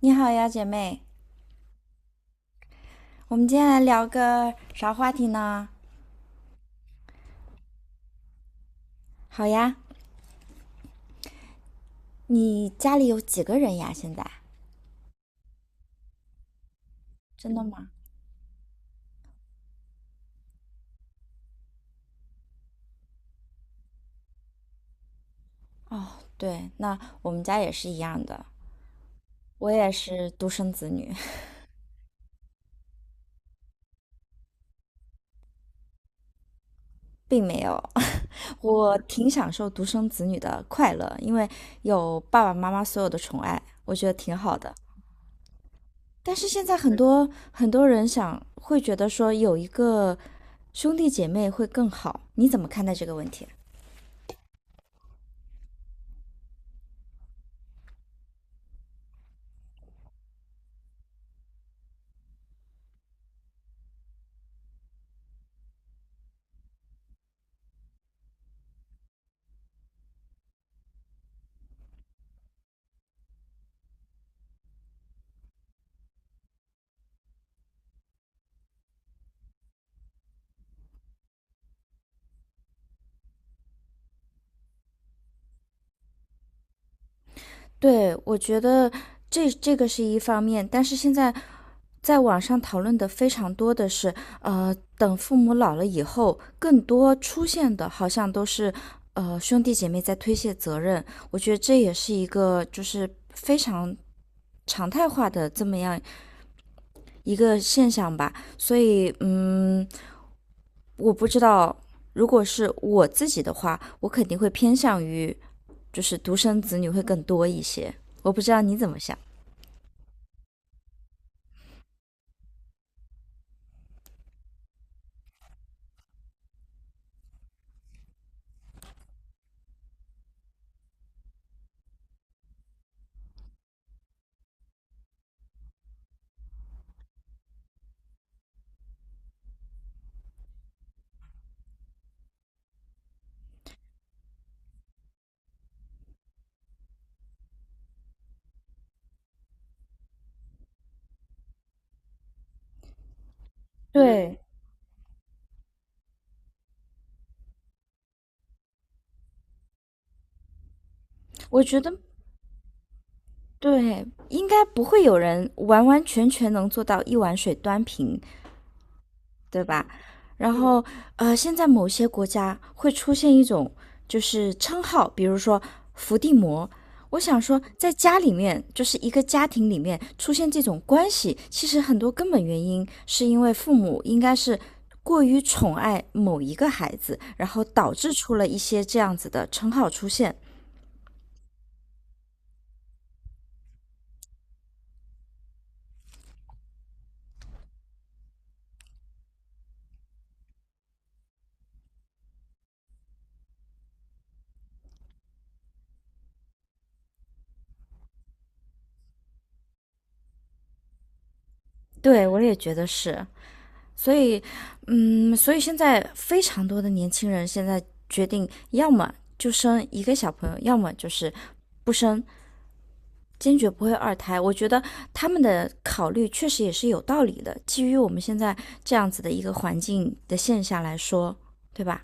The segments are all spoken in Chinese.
你好呀，姐妹，我们今天来聊个啥话题呢？好呀，你家里有几个人呀？现在真的吗？哦，对，那我们家也是一样的，我也是独生子女，并没有。我挺享受独生子女的快乐，因为有爸爸妈妈所有的宠爱，我觉得挺好的。但是现在很多很多人想会觉得说有一个兄弟姐妹会更好，你怎么看待这个问题？对，我觉得这个是一方面，但是现在在网上讨论的非常多的是，等父母老了以后，更多出现的好像都是，兄弟姐妹在推卸责任。我觉得这也是一个就是非常常态化的这么样一个现象吧。所以，嗯，我不知道，如果是我自己的话，我肯定会偏向于就是独生子女会更多一些。我不知道你怎么想。对，我觉得对，应该不会有人完完全全能做到一碗水端平，对吧？然后现在某些国家会出现一种就是称号，比如说伏地魔。我想说，在家里面，就是一个家庭里面出现这种关系，其实很多根本原因是因为父母应该是过于宠爱某一个孩子，然后导致出了一些这样子的称号出现。对，我也觉得是。所以，嗯，所以现在非常多的年轻人现在决定，要么就生一个小朋友，要么就是不生，坚决不会二胎。我觉得他们的考虑确实也是有道理的，基于我们现在这样子的一个环境的现象来说，对吧？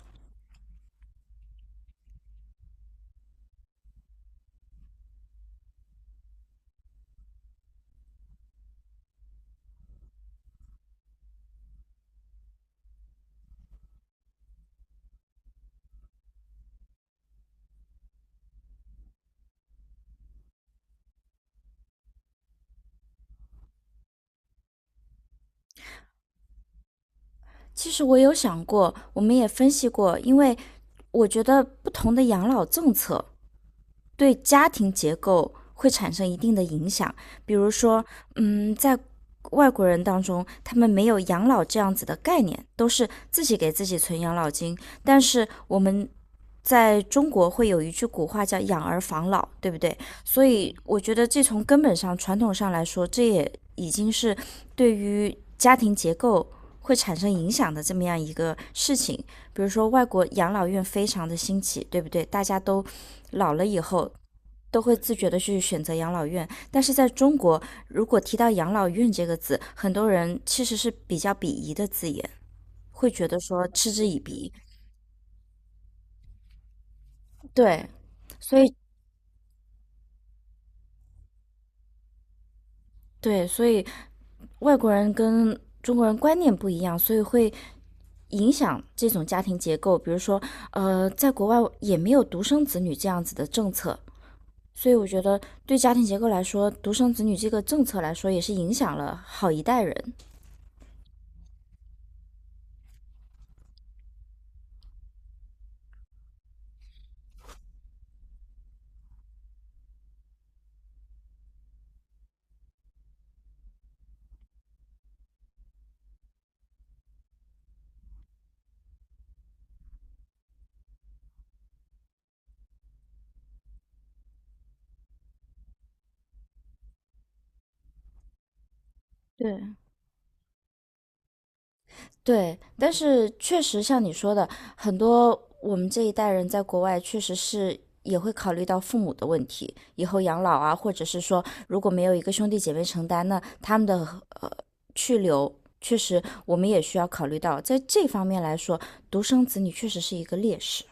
其实我有想过，我们也分析过，因为我觉得不同的养老政策，对家庭结构会产生一定的影响。比如说，嗯，在外国人当中，他们没有养老这样子的概念，都是自己给自己存养老金。但是我们在中国会有一句古话叫“养儿防老”，对不对？所以我觉得这从根本上、传统上来说，这也已经是对于家庭结构会产生影响的这么样一个事情。比如说，外国养老院非常的兴起，对不对？大家都老了以后。都会自觉的去选择养老院，但是在中国，如果提到养老院这个字，很多人其实是比较鄙夷的字眼，会觉得说嗤之以鼻。对，所以对，所以外国人跟中国人观念不一样，所以会影响这种家庭结构。比如说，在国外也没有独生子女这样子的政策，所以我觉得对家庭结构来说，独生子女这个政策来说也是影响了好一代人。对，对，但是确实像你说的，很多我们这一代人在国外确实是也会考虑到父母的问题，以后养老啊，或者是说如果没有一个兄弟姐妹承担，那他们的呃去留，确实我们也需要考虑到，在这方面来说，独生子女确实是一个劣势。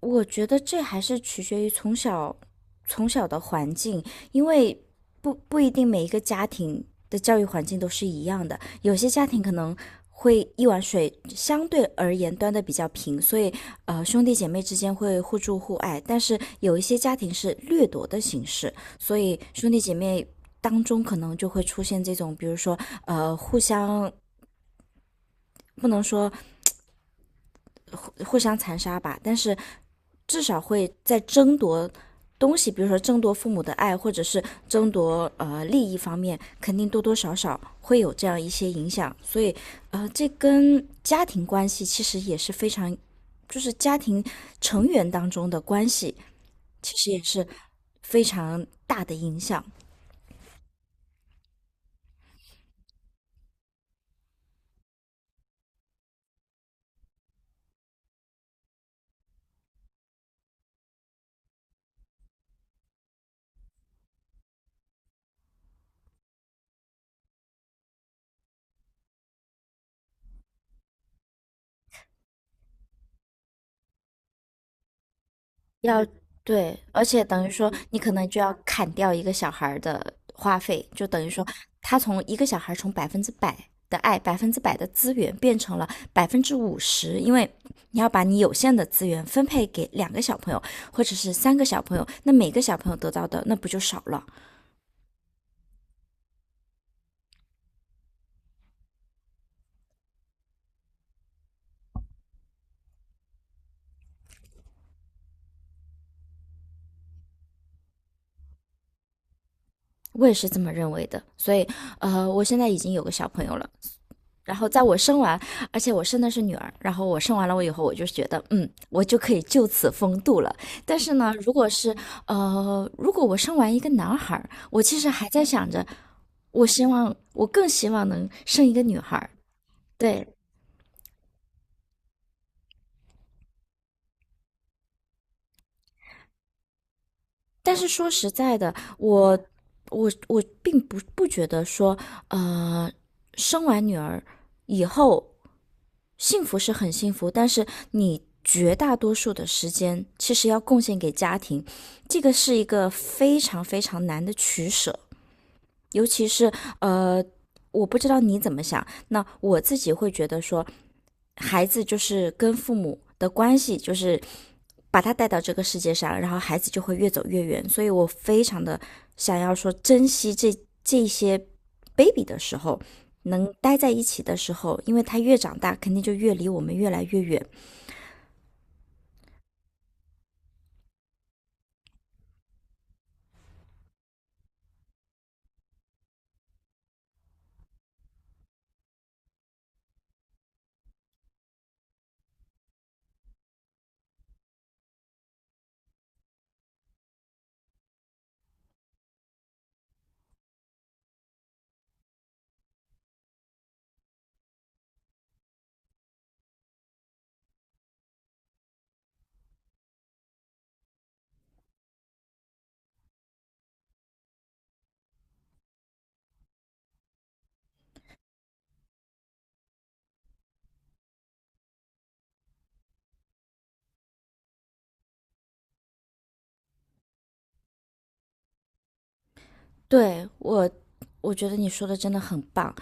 我觉得这还是取决于从小的环境，因为不一定每一个家庭的教育环境都是一样的，有些家庭可能会一碗水相对而言端的比较平，所以兄弟姐妹之间会互助互爱，但是有一些家庭是掠夺的形式，所以兄弟姐妹当中可能就会出现这种，比如说呃互相。不能说互相残杀吧，但是至少会在争夺东西，比如说争夺父母的爱，或者是争夺利益方面，肯定多多少少会有这样一些影响。所以，这跟家庭关系其实也是非常，就是家庭成员当中的关系，其实也是非常大的影响。要对，而且等于说你可能就要砍掉一个小孩儿的花费，就等于说他从一个小孩儿从百分之百的爱、百分之百的资源变成了百分之五十，因为你要把你有限的资源分配给两个小朋友或者是三个小朋友，那每个小朋友得到的那不就少了？我也是这么认为的，所以我现在已经有个小朋友了，然后在我生完，而且我生的是女儿，然后我生完了我以后，我就觉得，嗯，我就可以就此风度了。但是呢，如果是如果我生完一个男孩儿我其实还在想着，我希望我更希望能生一个女孩儿对，但是说实在的，我并不觉得说，呃，生完女儿以后幸福是很幸福，但是你绝大多数的时间其实要贡献给家庭，这个是一个非常非常难的取舍。尤其是呃，我不知道你怎么想，那我自己会觉得说，孩子就是跟父母的关系，就是把他带到这个世界上，然后孩子就会越走越远。所以我非常的想要说，珍惜这些 baby 的时候，能待在一起的时候，因为他越长大，肯定就越离我们越来越远。对，我，我觉得你说的真的很棒。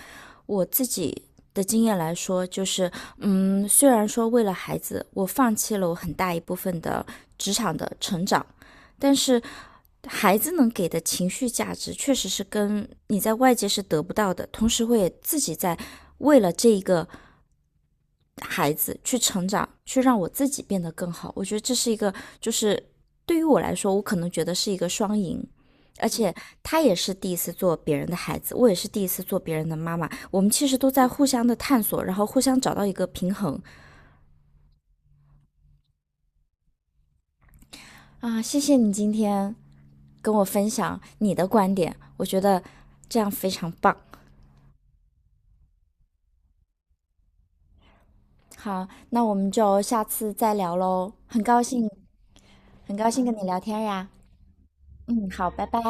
我自己的经验来说，就是，嗯，虽然说为了孩子，我放弃了我很大一部分的职场的成长，但是孩子能给的情绪价值，确实是跟你在外界是得不到的，同时会自己在为了这一个孩子去成长，去让我自己变得更好。我觉得这是一个，就是对于我来说，我可能觉得是一个双赢。而且他也是第一次做别人的孩子，我也是第一次做别人的妈妈。我们其实都在互相的探索，然后互相找到一个平衡啊！谢谢你今天跟我分享你的观点，我觉得这样非常棒。好，那我们就下次再聊喽。很高兴，很高兴跟你聊天呀。嗯，好，拜拜。